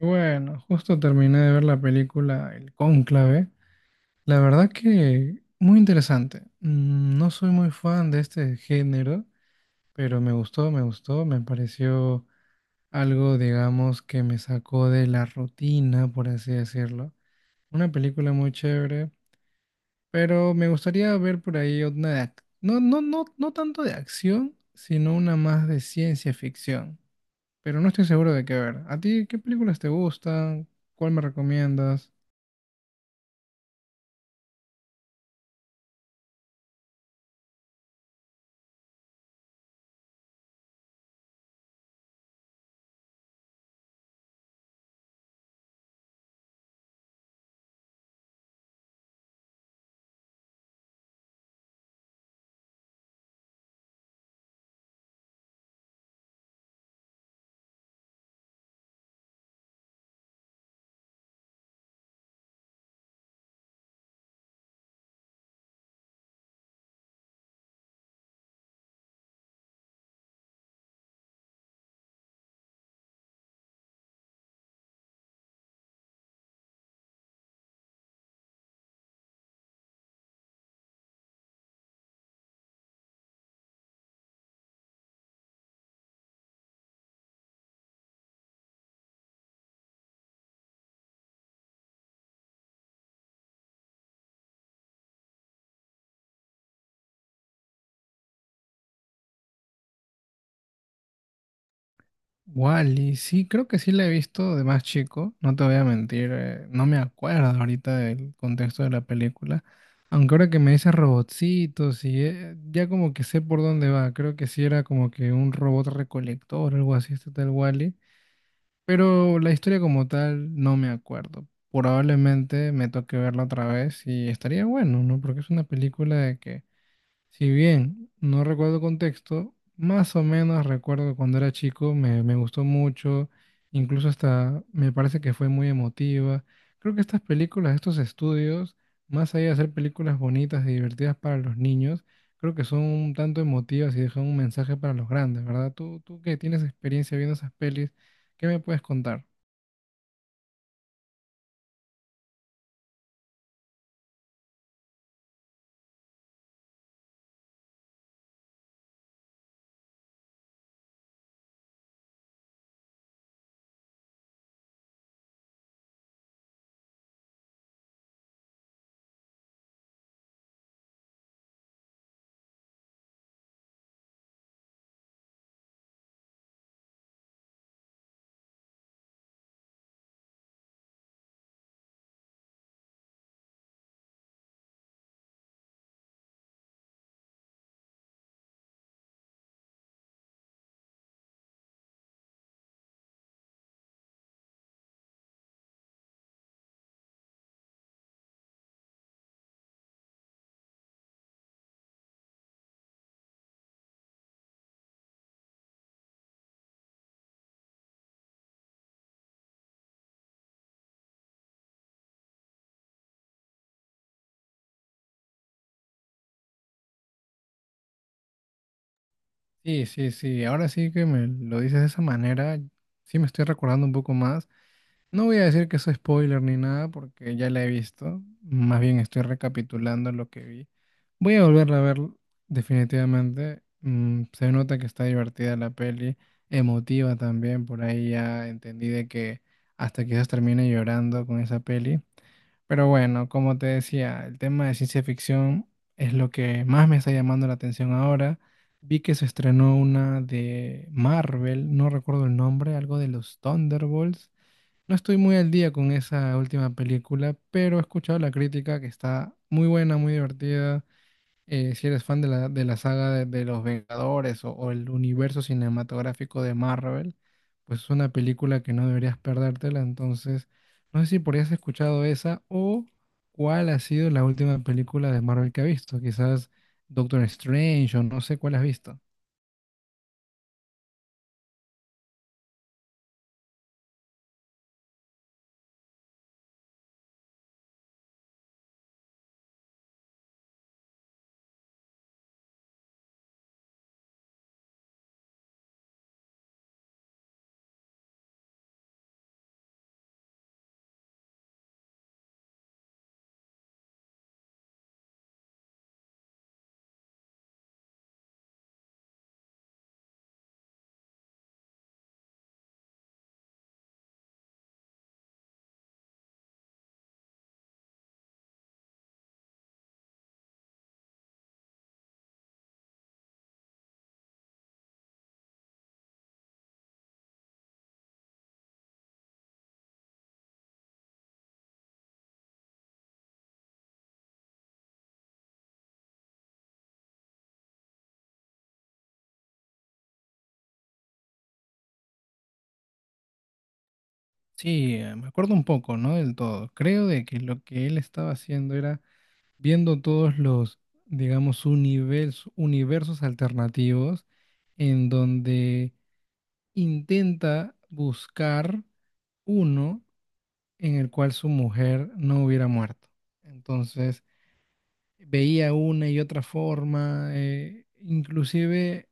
Bueno, justo terminé de ver la película El Cónclave. La verdad que muy interesante. Mm, no soy muy fan de este género, pero me gustó, me gustó. Me pareció algo, digamos, que me sacó de la rutina, por así decirlo. Una película muy chévere, pero me gustaría ver por ahí una no, no, no, no tanto de acción, sino una más de ciencia ficción. Pero no estoy seguro de qué ver. ¿A ti qué películas te gustan? ¿Cuál me recomiendas? Wally, sí, creo que sí la he visto de más chico, no te voy a mentir, no me acuerdo ahorita del contexto de la película, aunque ahora que me dices robotcitos y ya como que sé por dónde va, creo que sí era como que un robot recolector, algo así, este tal Wally, pero la historia como tal no me acuerdo. Probablemente me toque verla otra vez y estaría bueno, ¿no? Porque es una película de que si bien no recuerdo contexto, más o menos recuerdo que cuando era chico, me gustó mucho, incluso hasta me parece que fue muy emotiva. Creo que estas películas, estos estudios, más allá de ser películas bonitas y divertidas para los niños, creo que son un tanto emotivas y dejan un mensaje para los grandes, ¿verdad? Tú que tienes experiencia viendo esas pelis, ¿qué me puedes contar? Sí, sí, sí, ahora sí que me lo dices de esa manera, sí me estoy recordando un poco más. No voy a decir que eso es spoiler ni nada porque ya la he visto. Más bien estoy recapitulando lo que vi. Voy a volverla a ver definitivamente. Mm, se nota que está divertida la peli, emotiva también. Por ahí ya entendí de que hasta quizás termine llorando con esa peli. Pero bueno, como te decía, el tema de ciencia ficción es lo que más me está llamando la atención ahora. Vi que se estrenó una de Marvel, no recuerdo el nombre, algo de los Thunderbolts. No estoy muy al día con esa última película, pero he escuchado la crítica que está muy buena, muy divertida. Si eres fan de de la saga de los Vengadores o el universo cinematográfico de Marvel, pues es una película que no deberías perdértela. Entonces, no sé si por ahí has escuchado esa o cuál ha sido la última película de Marvel que has visto. Quizás Doctor Strange o no sé cuál has visto. Sí, me acuerdo un poco, no del todo. Creo de que lo que él estaba haciendo era viendo todos los, digamos, universos, universos alternativos en donde intenta buscar uno en el cual su mujer no hubiera muerto. Entonces, veía una y otra forma, inclusive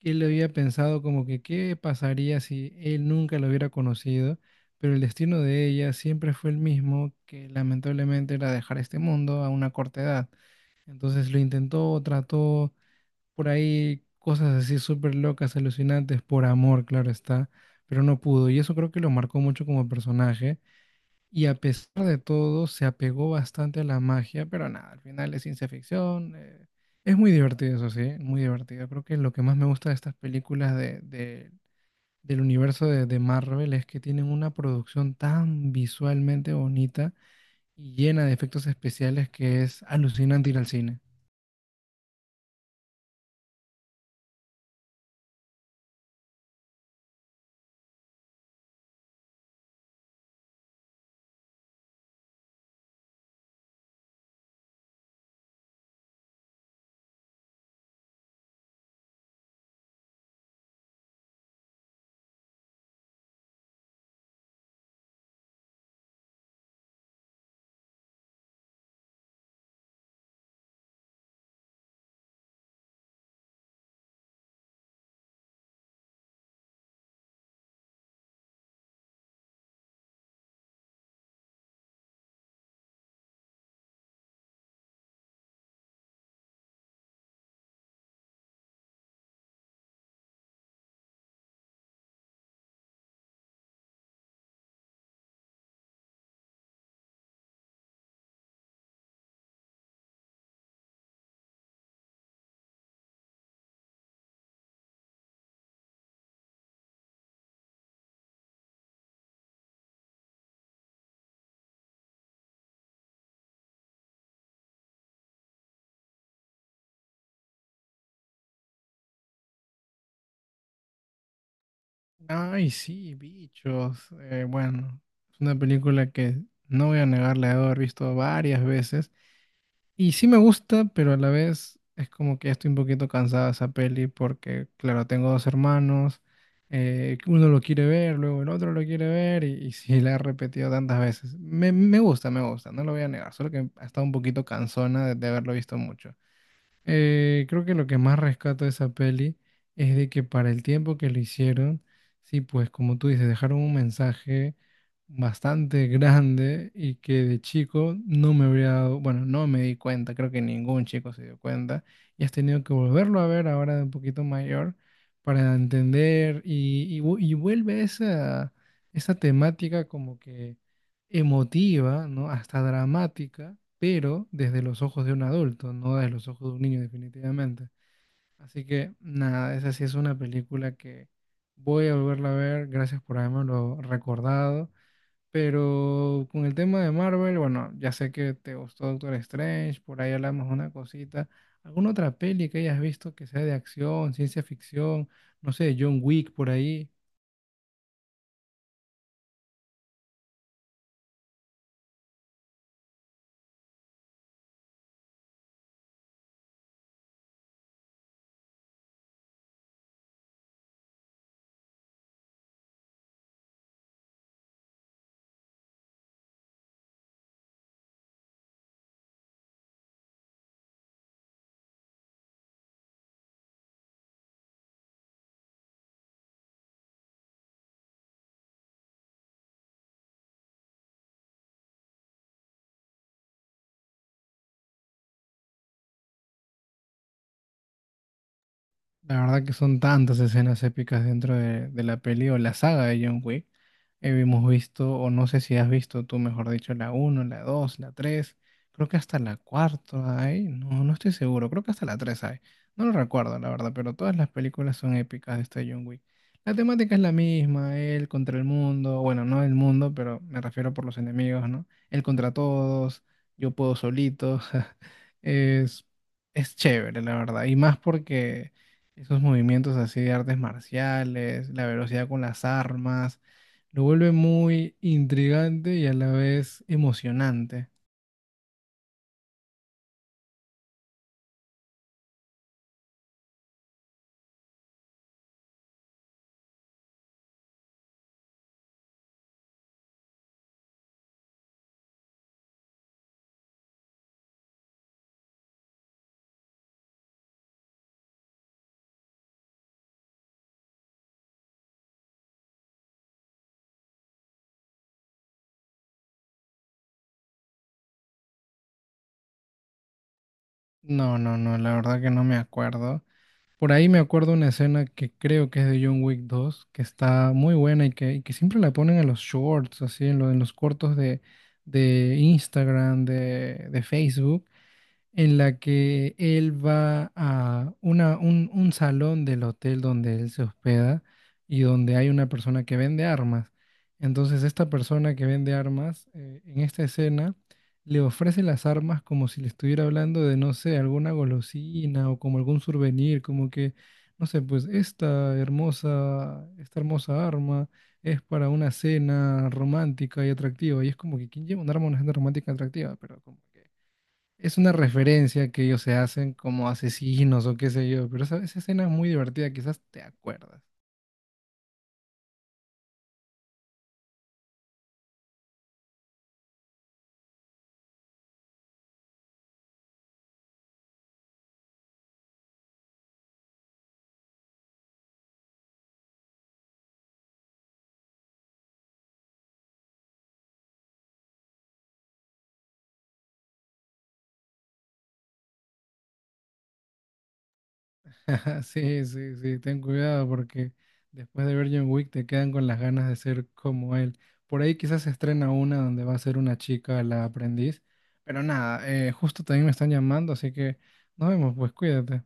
él había pensado como que qué pasaría si él nunca la hubiera conocido, pero el destino de ella siempre fue el mismo, que lamentablemente era dejar este mundo a una corta edad. Entonces lo intentó, trató por ahí cosas así súper locas, alucinantes, por amor, claro está, pero no pudo. Y eso creo que lo marcó mucho como personaje. Y a pesar de todo, se apegó bastante a la magia, pero nada, al final es ciencia ficción. Es muy divertido, eso sí, muy divertido. Creo que lo que más me gusta de estas películas del universo de Marvel es que tienen una producción tan visualmente bonita y llena de efectos especiales que es alucinante ir al cine. Ay, sí, Bichos. Bueno, es una película que, no voy a negar, la he de haber visto varias veces. Y sí me gusta, pero a la vez es como que ya estoy un poquito cansada de esa peli porque, claro, tengo dos hermanos, uno lo quiere ver, luego el otro lo quiere ver y sí, la he repetido tantas veces. Me gusta, no lo voy a negar, solo que ha estado un poquito cansona de haberlo visto mucho. Creo que lo que más rescato de esa peli es de que para el tiempo que lo hicieron, sí, pues como tú dices, dejaron un mensaje bastante grande y que de chico no me habría dado, bueno, no me di cuenta, creo que ningún chico se dio cuenta y has tenido que volverlo a ver ahora de un poquito mayor para entender y y vuelve esa, esa temática como que emotiva, ¿no? Hasta dramática, pero desde los ojos de un adulto, no desde los ojos de un niño definitivamente. Así que nada, esa sí es una película que voy a volverla a ver, gracias por habérmelo recordado. Pero con el tema de Marvel, bueno, ya sé que te gustó Doctor Strange, por ahí hablamos una cosita. ¿Alguna otra peli que hayas visto que sea de acción, ciencia ficción, no sé, John Wick por ahí? La verdad que son tantas escenas épicas dentro de la peli o la saga de John Wick. Hemos visto, o no sé si has visto tú, mejor dicho, la uno, la dos, la tres, creo que hasta la cuarta hay, no, no estoy seguro, creo que hasta la 3 hay, no lo recuerdo la verdad, pero todas las películas son épicas de este John Wick. La temática es la misma, él contra el mundo, bueno, no el mundo, pero me refiero por los enemigos, ¿no? Él contra todos, yo puedo solito, es, es chévere, la verdad, y más porque... Esos movimientos así de artes marciales, la velocidad con las armas, lo vuelve muy intrigante y a la vez emocionante. No, no, no, la verdad que no me acuerdo. Por ahí me acuerdo una escena que creo que es de John Wick dos, que está muy buena y que siempre la ponen en los shorts, así, en los cortos de Instagram, de Facebook, en la que él va a un salón del hotel donde él se hospeda y donde hay una persona que vende armas. Entonces, esta persona que vende armas, en esta escena, le ofrece las armas como si le estuviera hablando de, no sé, alguna golosina o como algún souvenir, como que, no sé, pues esta hermosa arma es para una cena romántica y atractiva. Y es como que, ¿quién lleva un arma a una cena romántica y atractiva? Pero como que es una referencia que ellos se hacen como asesinos o qué sé yo, pero esa escena es muy divertida, quizás te acuerdas. Sí, sí, sí, ten cuidado porque después de ver John Wick te quedan con las ganas de ser como él. Por ahí quizás se estrena una donde va a ser una chica la aprendiz, pero nada, justo también me están llamando, así que nos vemos, pues cuídate.